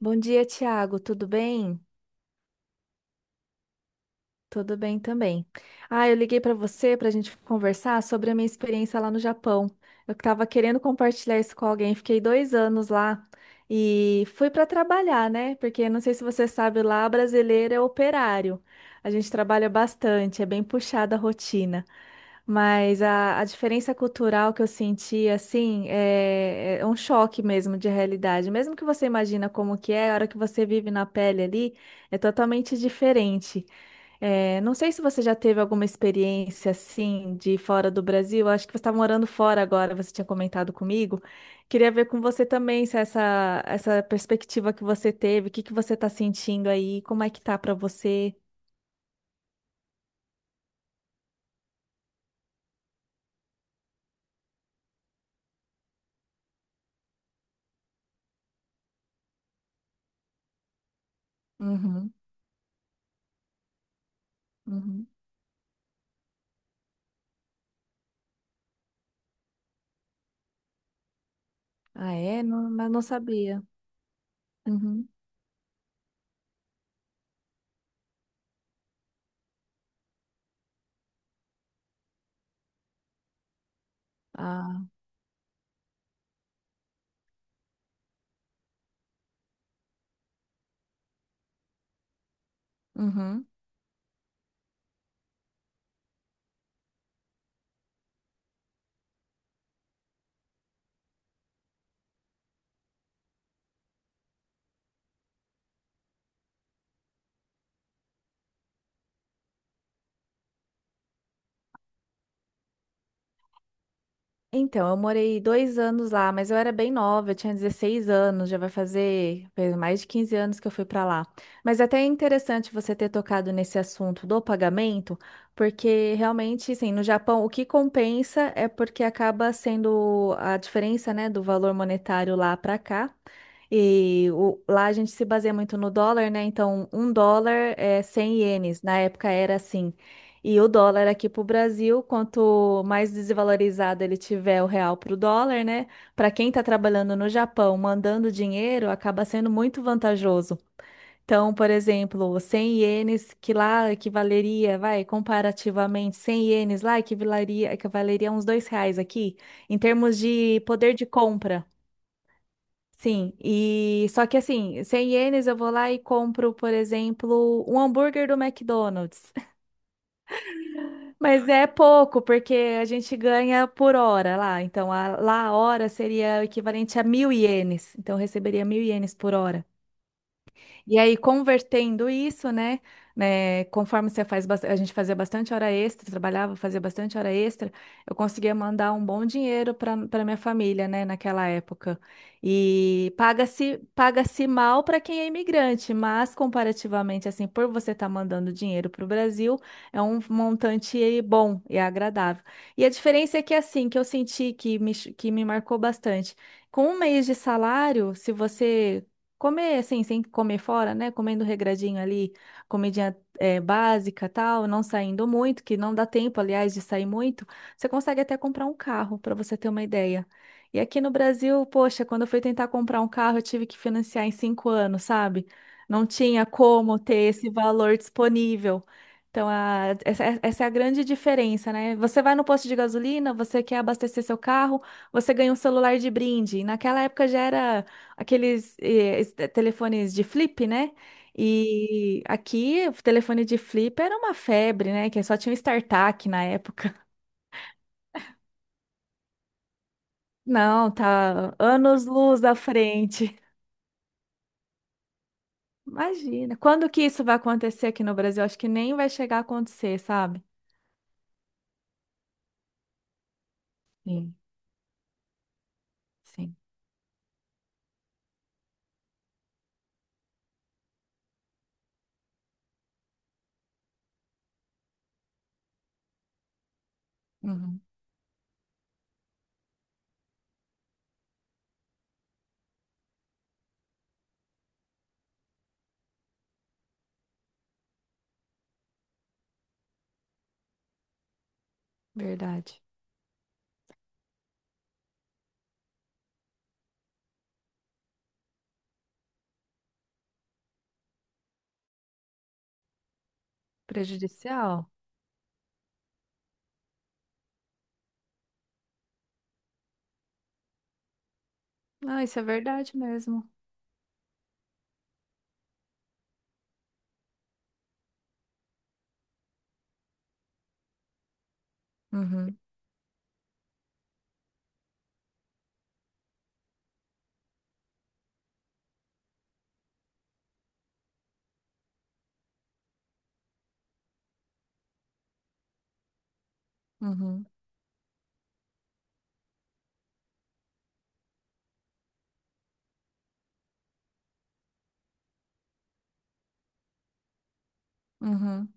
Bom dia, Tiago. Tudo bem? Tudo bem também. Ah, eu liguei para você para a gente conversar sobre a minha experiência lá no Japão. Eu estava querendo compartilhar isso com alguém. Fiquei 2 anos lá e fui para trabalhar, né? Porque não sei se você sabe, lá brasileiro é operário. A gente trabalha bastante, é bem puxada a rotina. Mas a diferença cultural que eu senti, assim, é um choque mesmo de realidade. Mesmo que você imagina como que é, a hora que você vive na pele ali, é totalmente diferente. É, não sei se você já teve alguma experiência assim de fora do Brasil. Acho que você está morando fora agora, você tinha comentado comigo. Queria ver com você também se essa perspectiva que você teve, o que que você está sentindo aí, como é que tá para você? Uhum, uhum. Ah, é? Não, mas não sabia. Uhum. Ah, uhum. Então, eu morei 2 anos lá, mas eu era bem nova, eu tinha 16 anos, já vai fazer fez mais de 15 anos que eu fui para lá. Mas até é interessante você ter tocado nesse assunto do pagamento, porque realmente, assim, no Japão o que compensa é porque acaba sendo a diferença, né, do valor monetário lá para cá. Lá a gente se baseia muito no dólar, né? Então, 1 dólar é 100 ienes. Na época era assim. E o dólar aqui para o Brasil, quanto mais desvalorizado ele tiver o real para o dólar, né? Para quem está trabalhando no Japão, mandando dinheiro, acaba sendo muito vantajoso. Então, por exemplo, 100 ienes que lá equivaleria, vai, comparativamente, 100 ienes lá equivaleria, equivaleria a uns 2 reais aqui, em termos de poder de compra. Sim, e só que assim, 100 ienes eu vou lá e compro, por exemplo, um hambúrguer do McDonald's. Mas é pouco, porque a gente ganha por hora lá. Então, lá a hora seria o equivalente a 1.000 ienes. Então, eu receberia 1.000 ienes por hora. E aí, convertendo isso, né, conforme você faz, a gente fazia bastante hora extra, trabalhava, fazia bastante hora extra, eu conseguia mandar um bom dinheiro para minha família, né, naquela época. E paga-se mal para quem é imigrante, mas comparativamente, assim, por você estar mandando dinheiro para o Brasil, é um montante aí bom e agradável. E a diferença é que, assim, que eu senti que me marcou bastante. Com um mês de salário, se você comer, assim, sem comer fora, né? Comendo regradinho ali, comidinha básica, tal, não saindo muito, que não dá tempo, aliás, de sair muito. Você consegue até comprar um carro, para você ter uma ideia. E aqui no Brasil, poxa, quando eu fui tentar comprar um carro, eu tive que financiar em 5 anos, sabe? Não tinha como ter esse valor disponível. Então, essa é a grande diferença, né? Você vai no posto de gasolina, você quer abastecer seu carro, você ganha um celular de brinde. E naquela época já era aqueles telefones de flip, né? E aqui o telefone de flip era uma febre, né? Que só tinha um StarTAC na época. Não, tá anos-luz à frente. Imagina. Quando que isso vai acontecer aqui no Brasil? Acho que nem vai chegar a acontecer, sabe? Sim, sim. Uhum. Verdade. Prejudicial? Não, isso é verdade mesmo. Uhum, uhum, uhum.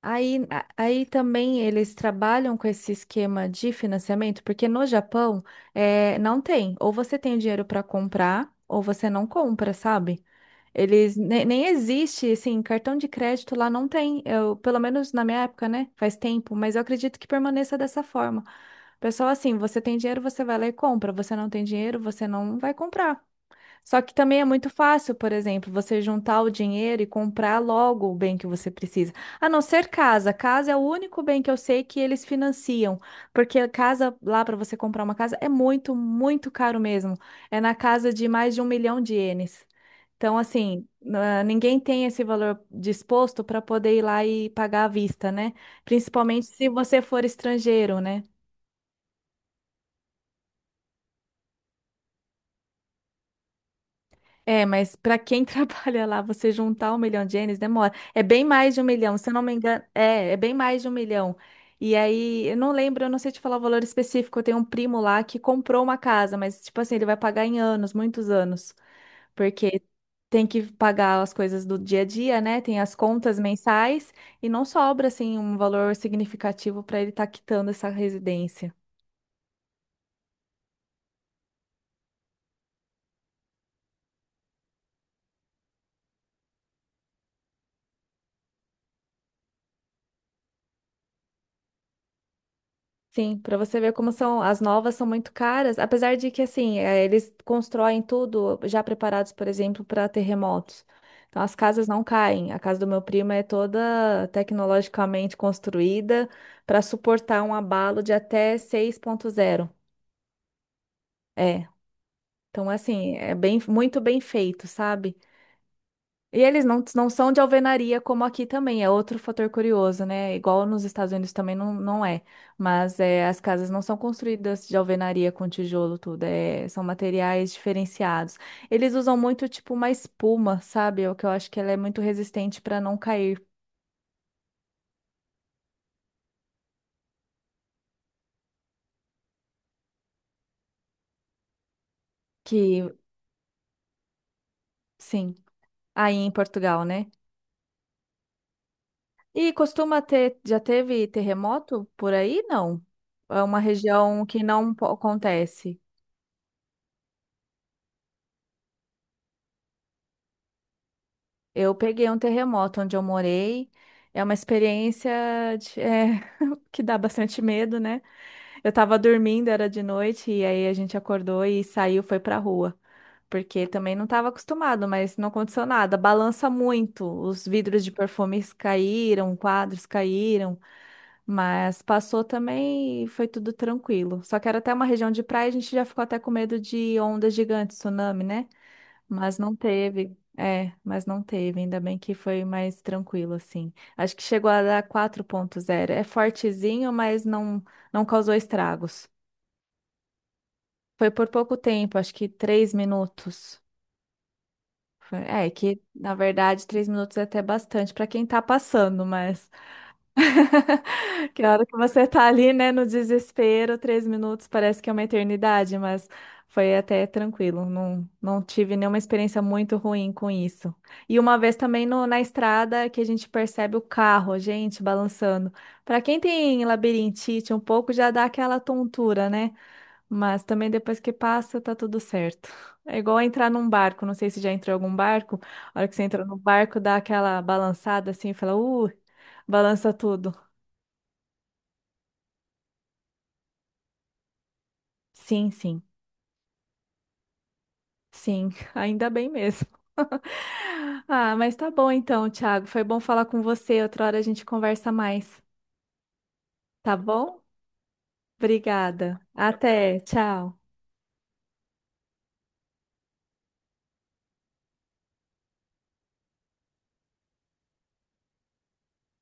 Aí, aí também eles trabalham com esse esquema de financiamento, porque no Japão é, não tem. Ou você tem o dinheiro para comprar, ou você não compra, sabe? Eles nem existe, assim, cartão de crédito lá não tem. Eu, pelo menos na minha época, né? Faz tempo, mas eu acredito que permaneça dessa forma. Pessoal, assim, você tem dinheiro, você vai lá e compra. Você não tem dinheiro, você não vai comprar. Só que também é muito fácil, por exemplo, você juntar o dinheiro e comprar logo o bem que você precisa. A não ser casa. Casa é o único bem que eu sei que eles financiam, porque a casa lá para você comprar uma casa é muito, muito caro mesmo. É na casa de mais de 1 milhão de ienes. Então, assim, ninguém tem esse valor disposto para poder ir lá e pagar à vista, né? Principalmente se você for estrangeiro, né? É, mas para quem trabalha lá, você juntar 1 milhão de ienes demora. É bem mais de 1 milhão, se eu não me engano. É, é bem mais de um milhão. E aí, eu não lembro, eu não sei te falar o valor específico. Eu tenho um primo lá que comprou uma casa, mas, tipo assim, ele vai pagar em anos, muitos anos. Porque tem que pagar as coisas do dia a dia, né? Tem as contas mensais e não sobra, assim, um valor significativo para ele estar quitando essa residência. Sim, para você ver como são, as novas são muito caras, apesar de que assim, eles constroem tudo já preparados, por exemplo, para terremotos. Então as casas não caem. A casa do meu primo é toda tecnologicamente construída para suportar um abalo de até 6.0. É. Então assim, é bem muito bem feito, sabe? E eles não são de alvenaria como aqui também, é outro fator curioso, né? Igual nos Estados Unidos também não é. Mas é, as casas não são construídas de alvenaria com tijolo, tudo. É, são materiais diferenciados. Eles usam muito, tipo, uma espuma, sabe? O que eu acho que ela é muito resistente para não cair. Que, sim, aí em Portugal, né? E costuma ter, já teve terremoto por aí? Não. É uma região que não acontece. Eu peguei um terremoto onde eu morei. É uma experiência é, que dá bastante medo, né? Eu tava dormindo, era de noite, e aí a gente acordou e saiu, foi pra rua. Porque também não estava acostumado, mas não aconteceu nada. Balança muito, os vidros de perfumes caíram, quadros caíram, mas passou também e foi tudo tranquilo. Só que era até uma região de praia, a gente já ficou até com medo de ondas gigantes, tsunami, né? Mas não teve. É, mas não teve. Ainda bem que foi mais tranquilo, assim. Acho que chegou a dar 4.0. É fortezinho, mas não causou estragos. Foi por pouco tempo, acho que 3 minutos. É, que na verdade 3 minutos é até bastante para quem tá passando, mas que a hora que você tá ali, né, no desespero, 3 minutos parece que é uma eternidade, mas foi até tranquilo. Não, não tive nenhuma experiência muito ruim com isso. E uma vez também na estrada que a gente percebe o carro, gente, balançando. Para quem tem labirintite, um pouco já dá aquela tontura, né? Mas também depois que passa, tá tudo certo. É igual entrar num barco, não sei se já entrou em algum barco. A hora que você entra no barco, dá aquela balançada assim, fala, balança tudo. Sim, sim, sim, ainda bem mesmo. Ah, mas tá bom então, Thiago. Foi bom falar com você. Outra hora a gente conversa mais, tá bom? Obrigada. Até, tchau.